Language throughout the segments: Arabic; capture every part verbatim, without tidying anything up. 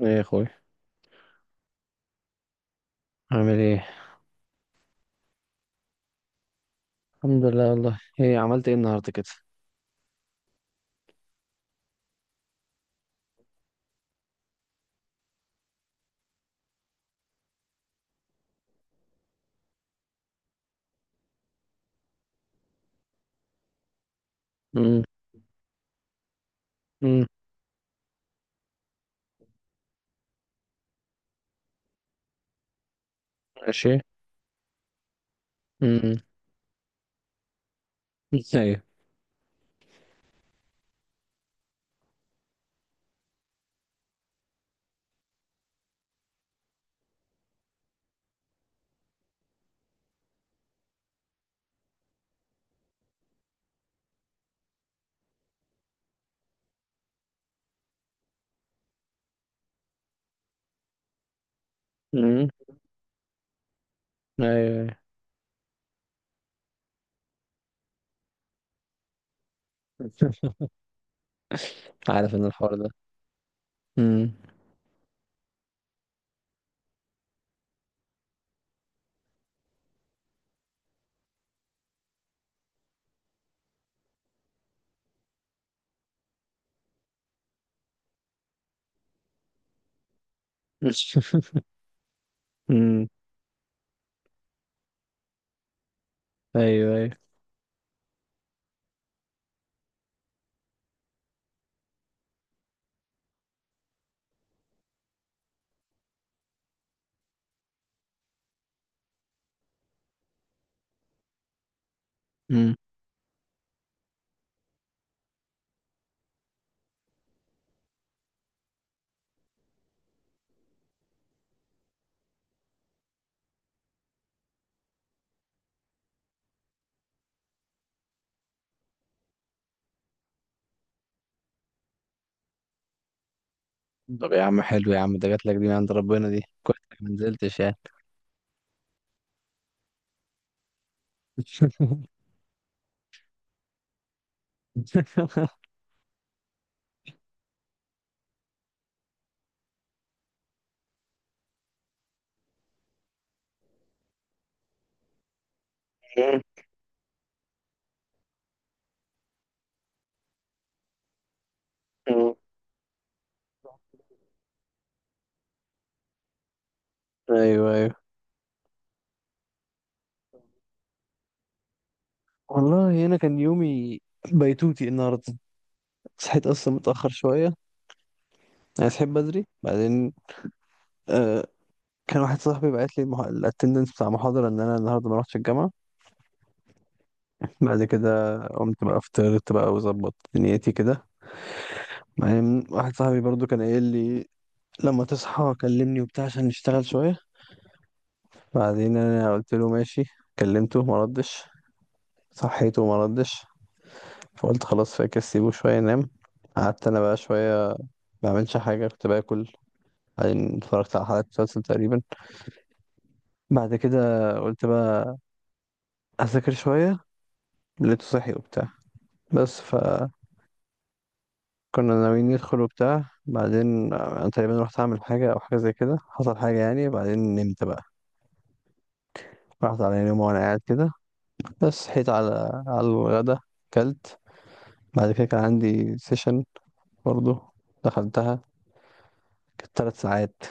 ايه يا اخوي؟ عامل ايه؟ الحمد لله، والله ايه عملت ايه النهارده كده؟ امم. امم. ماشي. امم. ايوه. امم. ايوه أيوة. عارف ان الحوار ده. امم. امم. ايوه ايوه. امم. طب يا عم، حلو يا عم، ده جات لك دي من عند ربنا، دي كويس إنك ما نزلتش يعني. أمم. ايوه ايوه. والله انا كان يومي بيتوتي النهارده. صحيت اصلا متاخر شويه. انا صحيت بدري بعدين. آه، كان واحد صاحبي بعت لي الاتندنس بتاع محاضرة ان انا النهارده ما رحتش الجامعة. بعد كده قمت بقى فطرت بقى وظبطت دنيتي كده. بعدين واحد صاحبي برضو كان قايل لي لما تصحى كلمني وبتاع عشان نشتغل شوية. بعدين انا قلت له ماشي. كلمته ما ردش. صحيته وما ردش. فقلت خلاص فاكر سيبه شوية ينام. قعدت انا بقى شوية ما بعملش حاجة، كنت باكل. بعدين اتفرجت على حلقة مسلسل تقريبا. بعد كده قلت بقى أذاكر شوية. لقيته صحي وبتاع. بس ف كنا ناويين ندخل وبتاع، بعدين انا تقريبا رحت اعمل حاجه او حاجه زي كده، حصل حاجه يعني، بعدين نمت بقى. رحت على نوم وانا قاعد كده. بس صحيت على على الغدا. كلت. بعد كده كان عندي سيشن برضه. دخلتها، كانت ثلاث ساعات.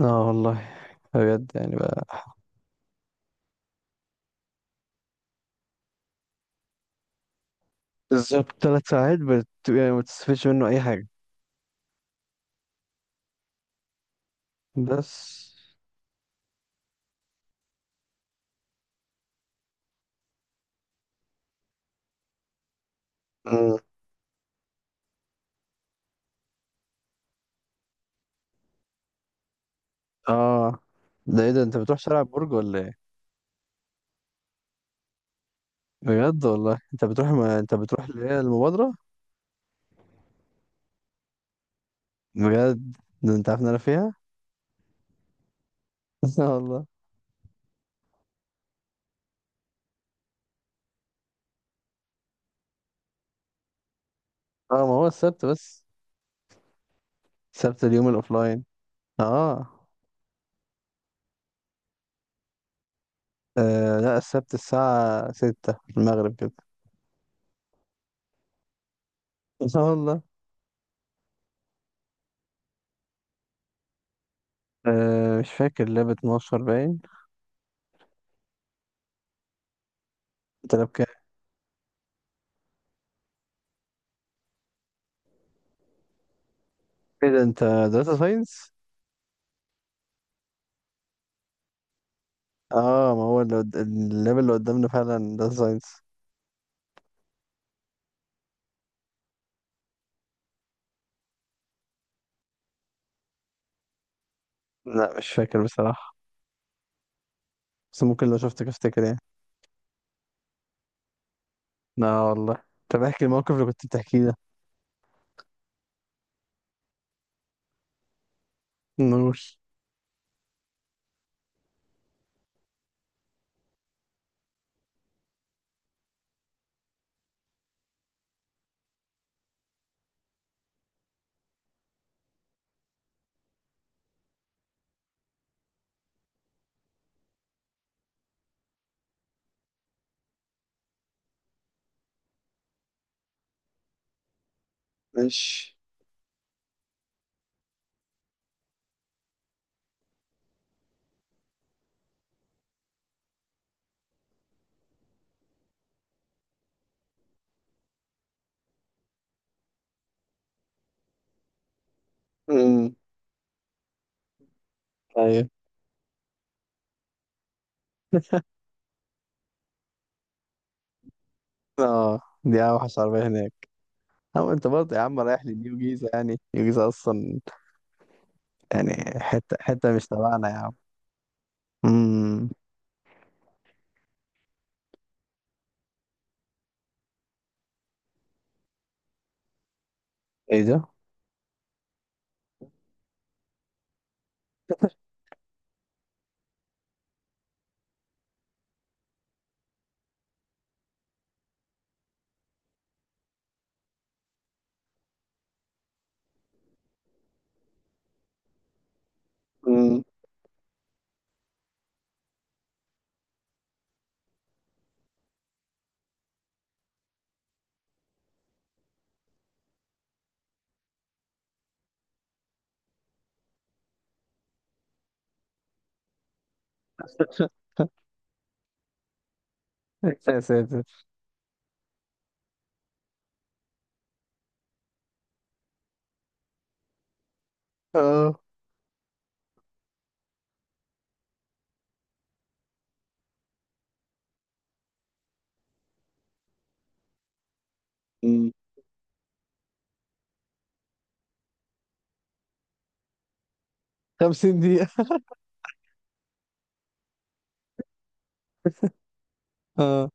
اه والله، بجد يعني بقى. بالظبط ثلاث ساعات بت... يعني ما بتستفدش منه اي حاجه. بس. مم. اه ده، ايه ده، انت بتروح شارع برج ولا ايه؟ بجد والله، انت بتروح ما... انت بتروح اللي هي المبادره. بجد، ده انت عارف ان انا فيها. اه والله. اه ما هو السبت بس. السبت اليوم الاوفلاين. اه. آه، لا السبت الساعة ستة المغرب كده. اه والله. آه مش فاكر، لاب اتناشر باين. انت لاب كام؟ ايه ده، انت داتا ساينس؟ اه ما هو اللي قد- اللاب اللي قدامنا فعلا داتا ساينس. لا مش فاكر بصراحة. بس ممكن لو شفتك افتكر يعني. لا والله. طب احكي الموقف اللي كنت بتحكيه ده. نور. ماشي. امم. ايوه. اه. دي اوحش عربية هناك. او انت برضه يا عم رايح لنيو جيزة، يعني نيو جيزة اصلا. يعني حتة حتة مش تبعنا يا عم. امم. ايه ده؟ امم. يا ساتر. اه. امم. 50 دقيقة. اه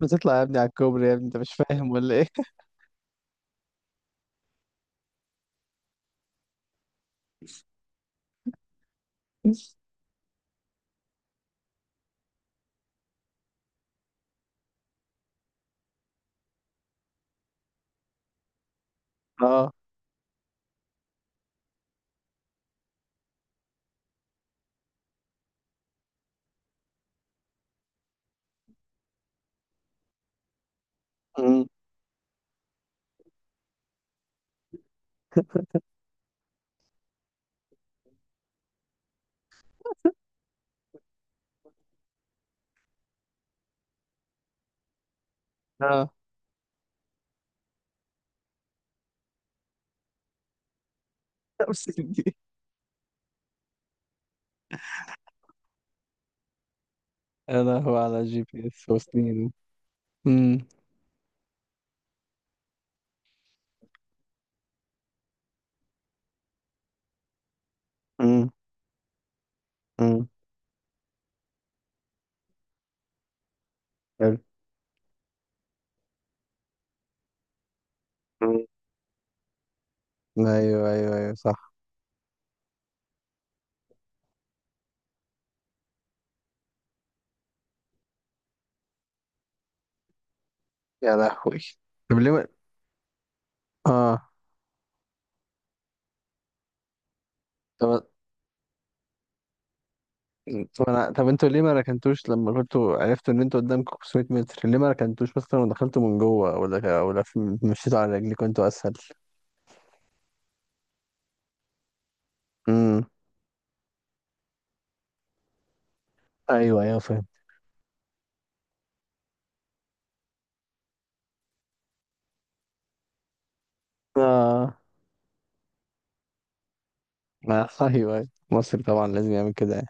بتطلع يا ابني على الكوبري، يا ابني انت مش فاهم ولا ايه؟ اه. امم. اه. 50 دقيقة. يا لهوي على جي بي اس وسنينه. امم. امم. امم. حلو. امم. ايوه ايوه ايوه صح. يا لهوي. طب ليه ما- اه. طب طب انا طب انتوا ليه ما ركنتوش لما كنتوا عرفتوا ان انتوا قدامكم 500 متر، ليه ما ركنتوش مثلا ودخلتوا من جوه، ولا ولا في- مشيتوا على رجليكم انتوا اسهل. امم. ايوه ايوه فاهم. اه. آه، ايوه ايوه مصر طبعا لازم يعمل كده يعني.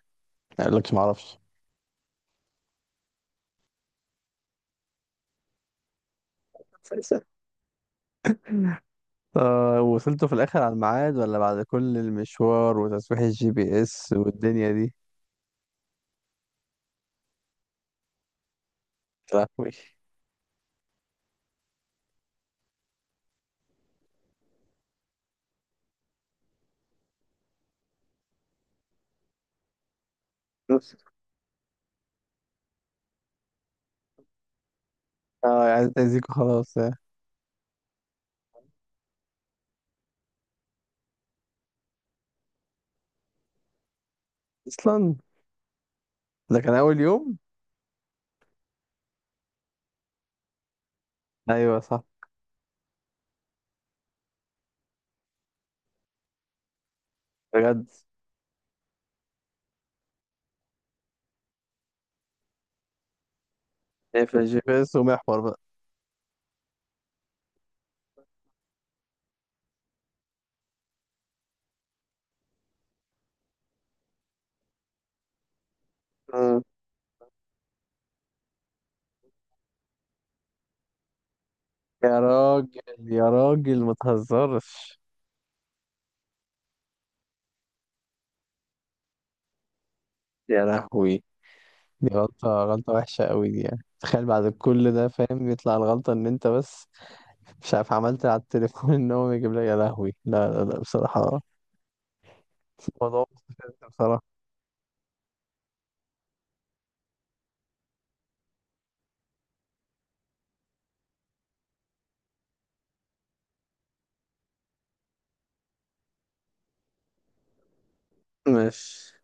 ما يقولكش ما اعرفش. آه وصلتوا في الاخر على الميعاد ولا بعد كل المشوار وتصحيح الجي بي اس والدنيا دي؟ يا لهوي. اه عايز تأذيكوا خلاص آه. اصلا ده كان اول يوم. ايوه صح. بجد، ايه في الجي بي اس ومحور؟ مم. يا راجل يا راجل ما تهزرش. يا لهوي. دي غلطة، غلطة وحشة قوي دي، يعني تخيل بعد كل ده فاهم، يطلع الغلطة ان انت بس مش عارف عملت على التليفون ان هو يجيب لك. يا لهوي، لا لا لا بصراحة. الموضوع مستفز بصراحة. ماشي.